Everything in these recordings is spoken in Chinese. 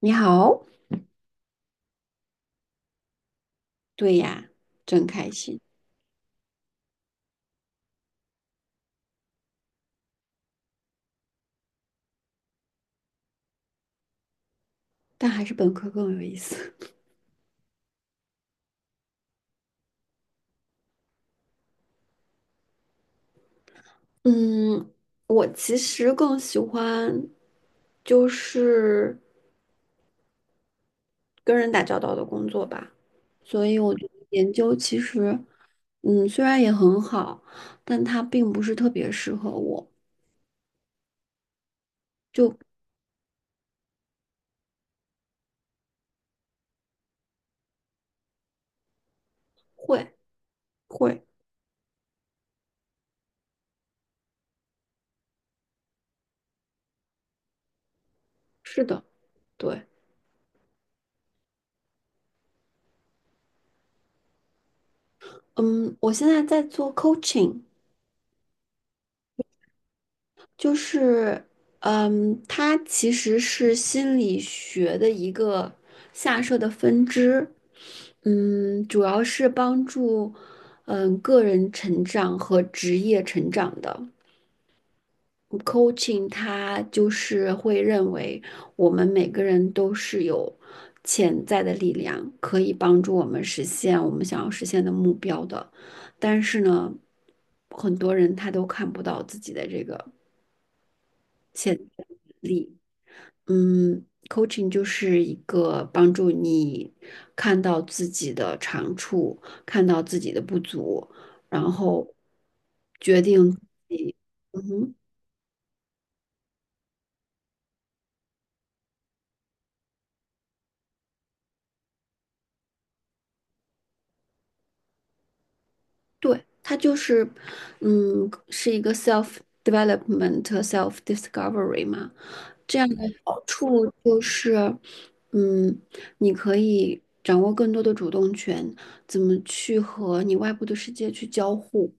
你好，对呀，真开心，但还是本科更有意思。嗯，我其实更喜欢就是跟人打交道的工作吧，所以我觉得研究其实，虽然也很好，但它并不是特别适合我。会会，是的，对，嗯，我现在在做 coaching，就是，它其实是心理学的一个下设的分支，主要是帮助，个人成长和职业成长的。coaching 它就是会认为我们每个人都是有潜在的力量，可以帮助我们实现我们想要实现的目标的。但是呢，很多人他都看不到自己的这个潜力。coaching 就是一个帮助你看到自己的长处，看到自己的不足，然后决定，嗯哼，对，它就是，是一个 self development、self discovery 嘛。这样的好处就是，嗯，你可以掌握更多的主动权，怎么去和你外部的世界去交互。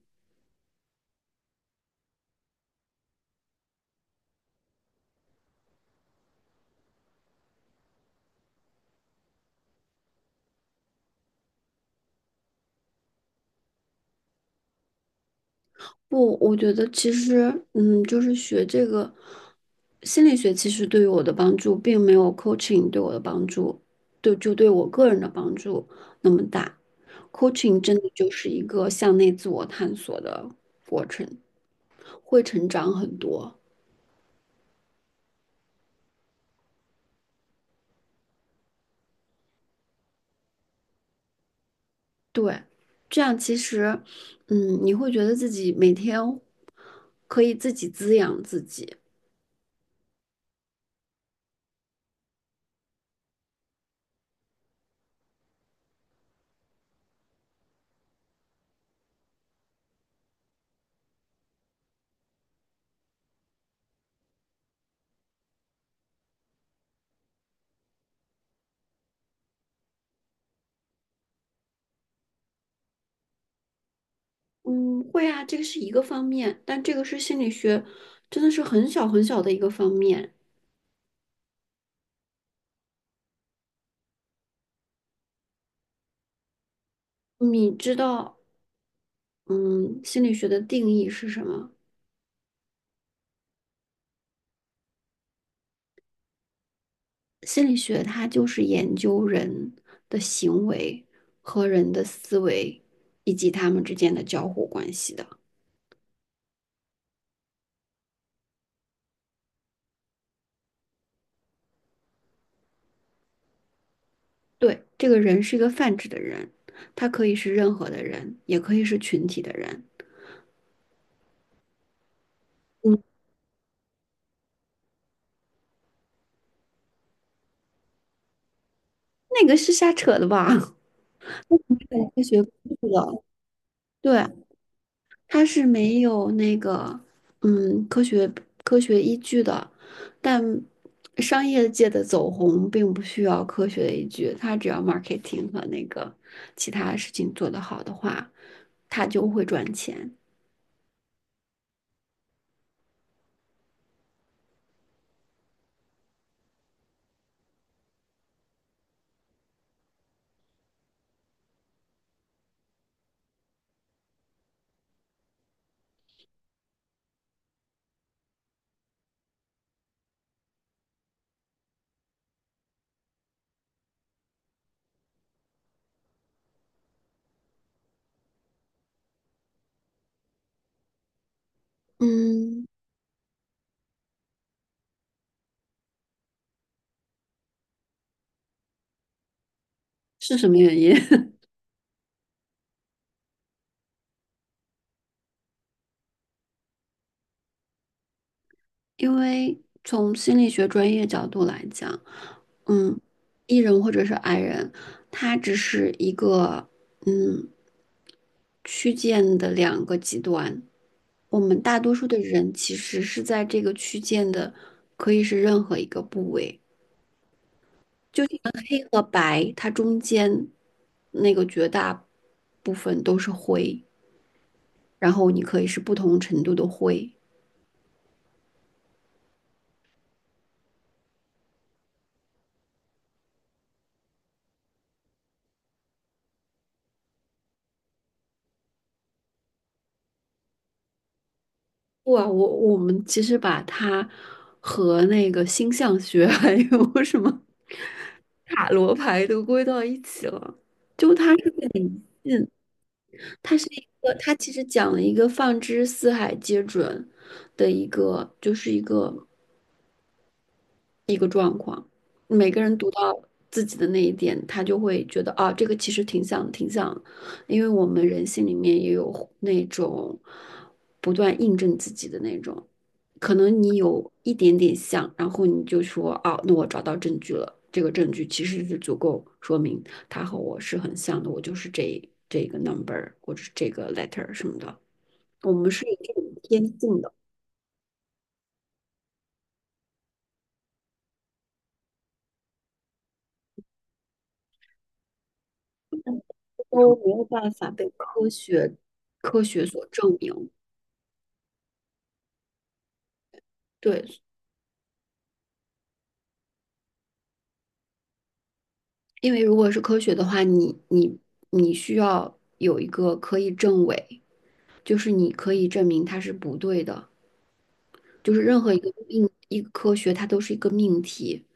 不，我觉得其实，就是学这个心理学，其实对于我的帮助，并没有 coaching 对我的帮助，对，就对我个人的帮助那么大。coaching 真的就是一个向内自我探索的过程，会成长很多。对，这样其实，你会觉得自己每天可以自己滋养自己。嗯，会啊，这个是一个方面，但这个是心理学，真的是很小很小的一个方面。你知道，嗯，心理学的定义是什么？心理学它就是研究人的行为和人的思维，以及他们之间的交互关系的。对，这个人是一个泛指的人，他可以是任何的人，也可以是群体的人。那个是瞎扯的吧？科学不是的对，它是没有那个嗯科学科学依据的，但商业界的走红并不需要科学的依据，它只要 marketing 和那个其他事情做得好的话，它就会赚钱。嗯，是什么原因？因为从心理学专业角度来讲，嗯，E 人或者是 I 人，他只是一个嗯。区间的两个极端。我们大多数的人其实是在这个区间的，可以是任何一个部位。黑和白，它中间那个绝大部分都是灰，然后你可以是不同程度的灰。哇，我们其实把它和那个星象学 还有什么塔罗牌都归到一起了，就它是。它是一个，它其实讲了一个放之四海皆准的一个，就是一个状况。每个人读到自己的那一点，他就会觉得啊，这个其实挺像，挺像，因为我们人性里面也有那种不断印证自己的那种，可能你有一点点像，然后你就说啊，那我找到证据了，这个证据其实是足够说明他和我是很像的，我就是这个 number,或者是这个 letter 什么的。我们是有这种天性的，都没有办法被科学所证明。对，因为如果是科学的话，你需要有一个可以证伪，就是你可以证明它是不对的。就是任何一个科学，它都是一个命题。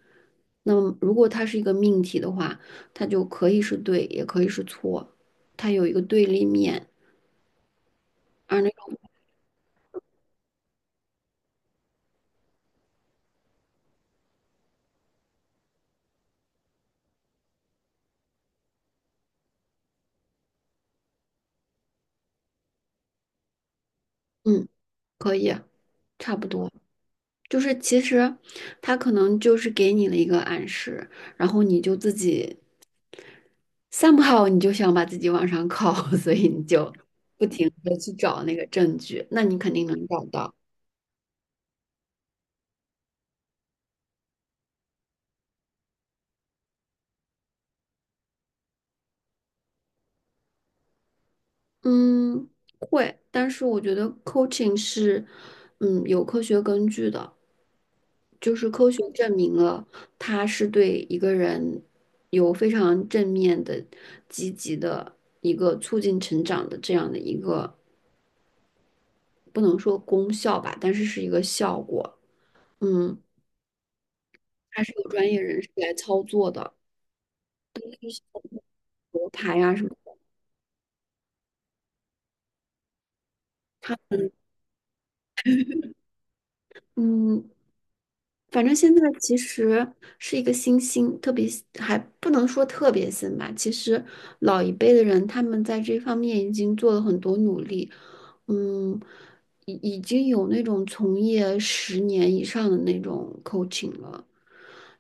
那么如果它是一个命题的话，它就可以是对，也可以是错，它有一个对立面。而那种嗯，可以，差不多。就是其实他可能就是给你了一个暗示，然后你就自己 somehow 你就想把自己往上靠，所以你就不停的去找那个证据，那你肯定能找到。嗯，会，但是我觉得 coaching 是有科学根据的，就是科学证明了它是对一个人有非常正面的、积极的一个促进成长的这样的一个不能说功效吧，但是是一个效果。嗯，它是有专业人士来操作的，罗盘呀、什么的，他们嗯反正现在其实是一个新兴，特别还不能说特别新吧。其实老一辈的人他们在这方面已经做了很多努力，嗯，已经有那种从业10年以上的那种 coaching 了。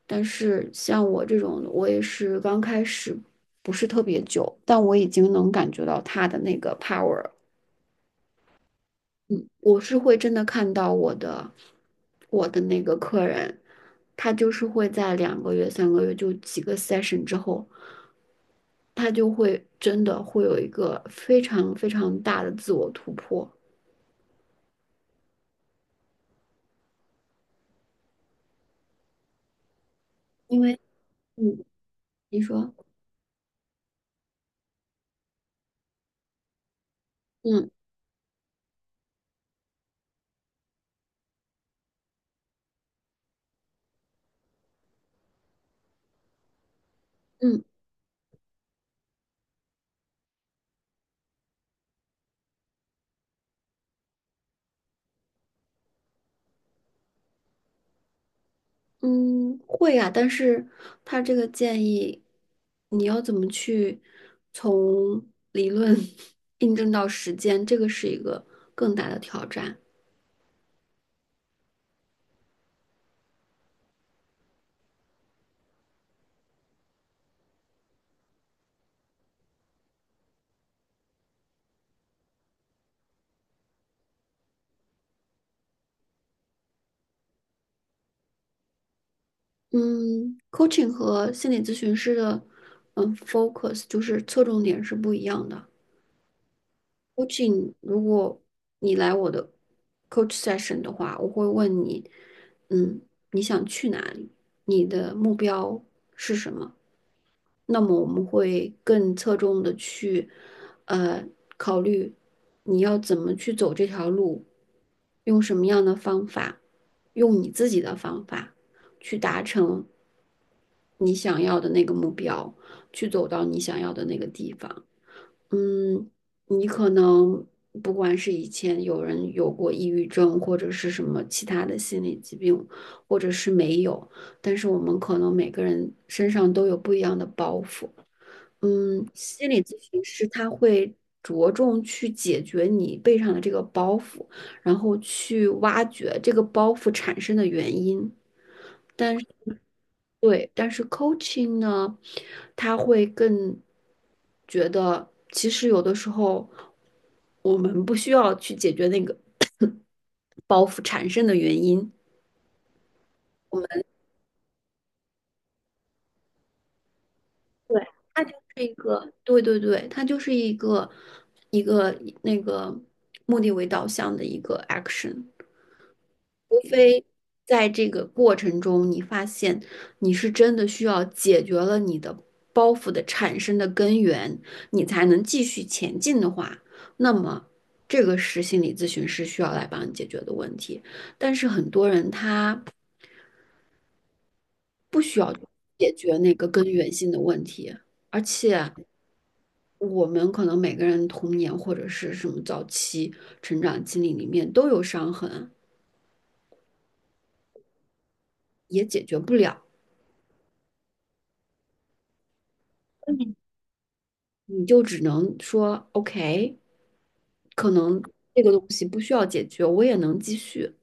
但是像我这种，我也是刚开始不是特别久，但我已经能感觉到他的那个 power。嗯，我是会真的看到我的那个客人，他就是会在2个月、3个月就几个 session 之后，他就会真的会有一个非常非常大的自我突破。因为，嗯，你说，嗯嗯嗯，会啊，但是他这个建议，你要怎么去从理论 印证到实践，这个是一个更大的挑战。嗯，coaching 和心理咨询师的focus 就是侧重点是不一样的。coaching 如果你来我的 coach session 的话，我会问你，嗯，你想去哪里？你的目标是什么？那么我们会更侧重的去呃考虑你要怎么去走这条路，用什么样的方法，用你自己的方法去达成。你想要的那个目标，去走到你想要的那个地方。嗯，你可能不管是以前有人有过抑郁症，或者是什么其他的心理疾病，或者是没有，但是我们可能每个人身上都有不一样的包袱。心理咨询师他会着重去解决你背上的这个包袱，然后去挖掘这个包袱产生的原因。但。对，但是 coaching 呢，他会更觉得，其实有的时候我们不需要去解决那个包袱产生的原因，我们对，它就是一个，对对对，它就是一个那个目的为导向的一个 action。除非在这个过程中，你发现你是真的需要解决了你的包袱的产生的根源，你才能继续前进的话，那么这个是心理咨询师需要来帮你解决的问题。但是很多人他不需要解决那个根源性的问题，而且我们可能每个人童年或者是什么早期成长经历里面都有伤痕，也解决不了。你就只能说 OK,可能这个东西不需要解决，我也能继续，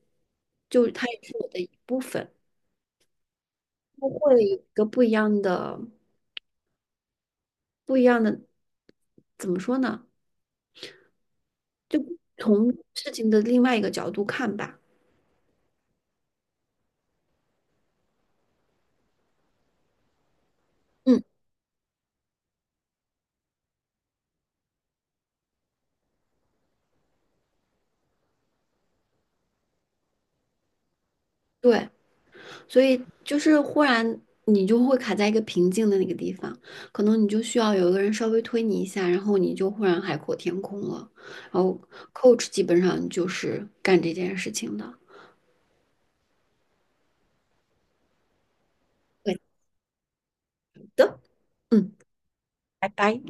就它也是我的一部分，它会有一个不一样的、不一样的，怎么说呢？就从事情的另外一个角度看吧。嗯，对。所以就是忽然你就会卡在一个瓶颈的那个地方，可能你就需要有一个人稍微推你一下，然后你就忽然海阔天空了。然后 coach 基本上就是干这件事情的。对的，嗯。拜拜。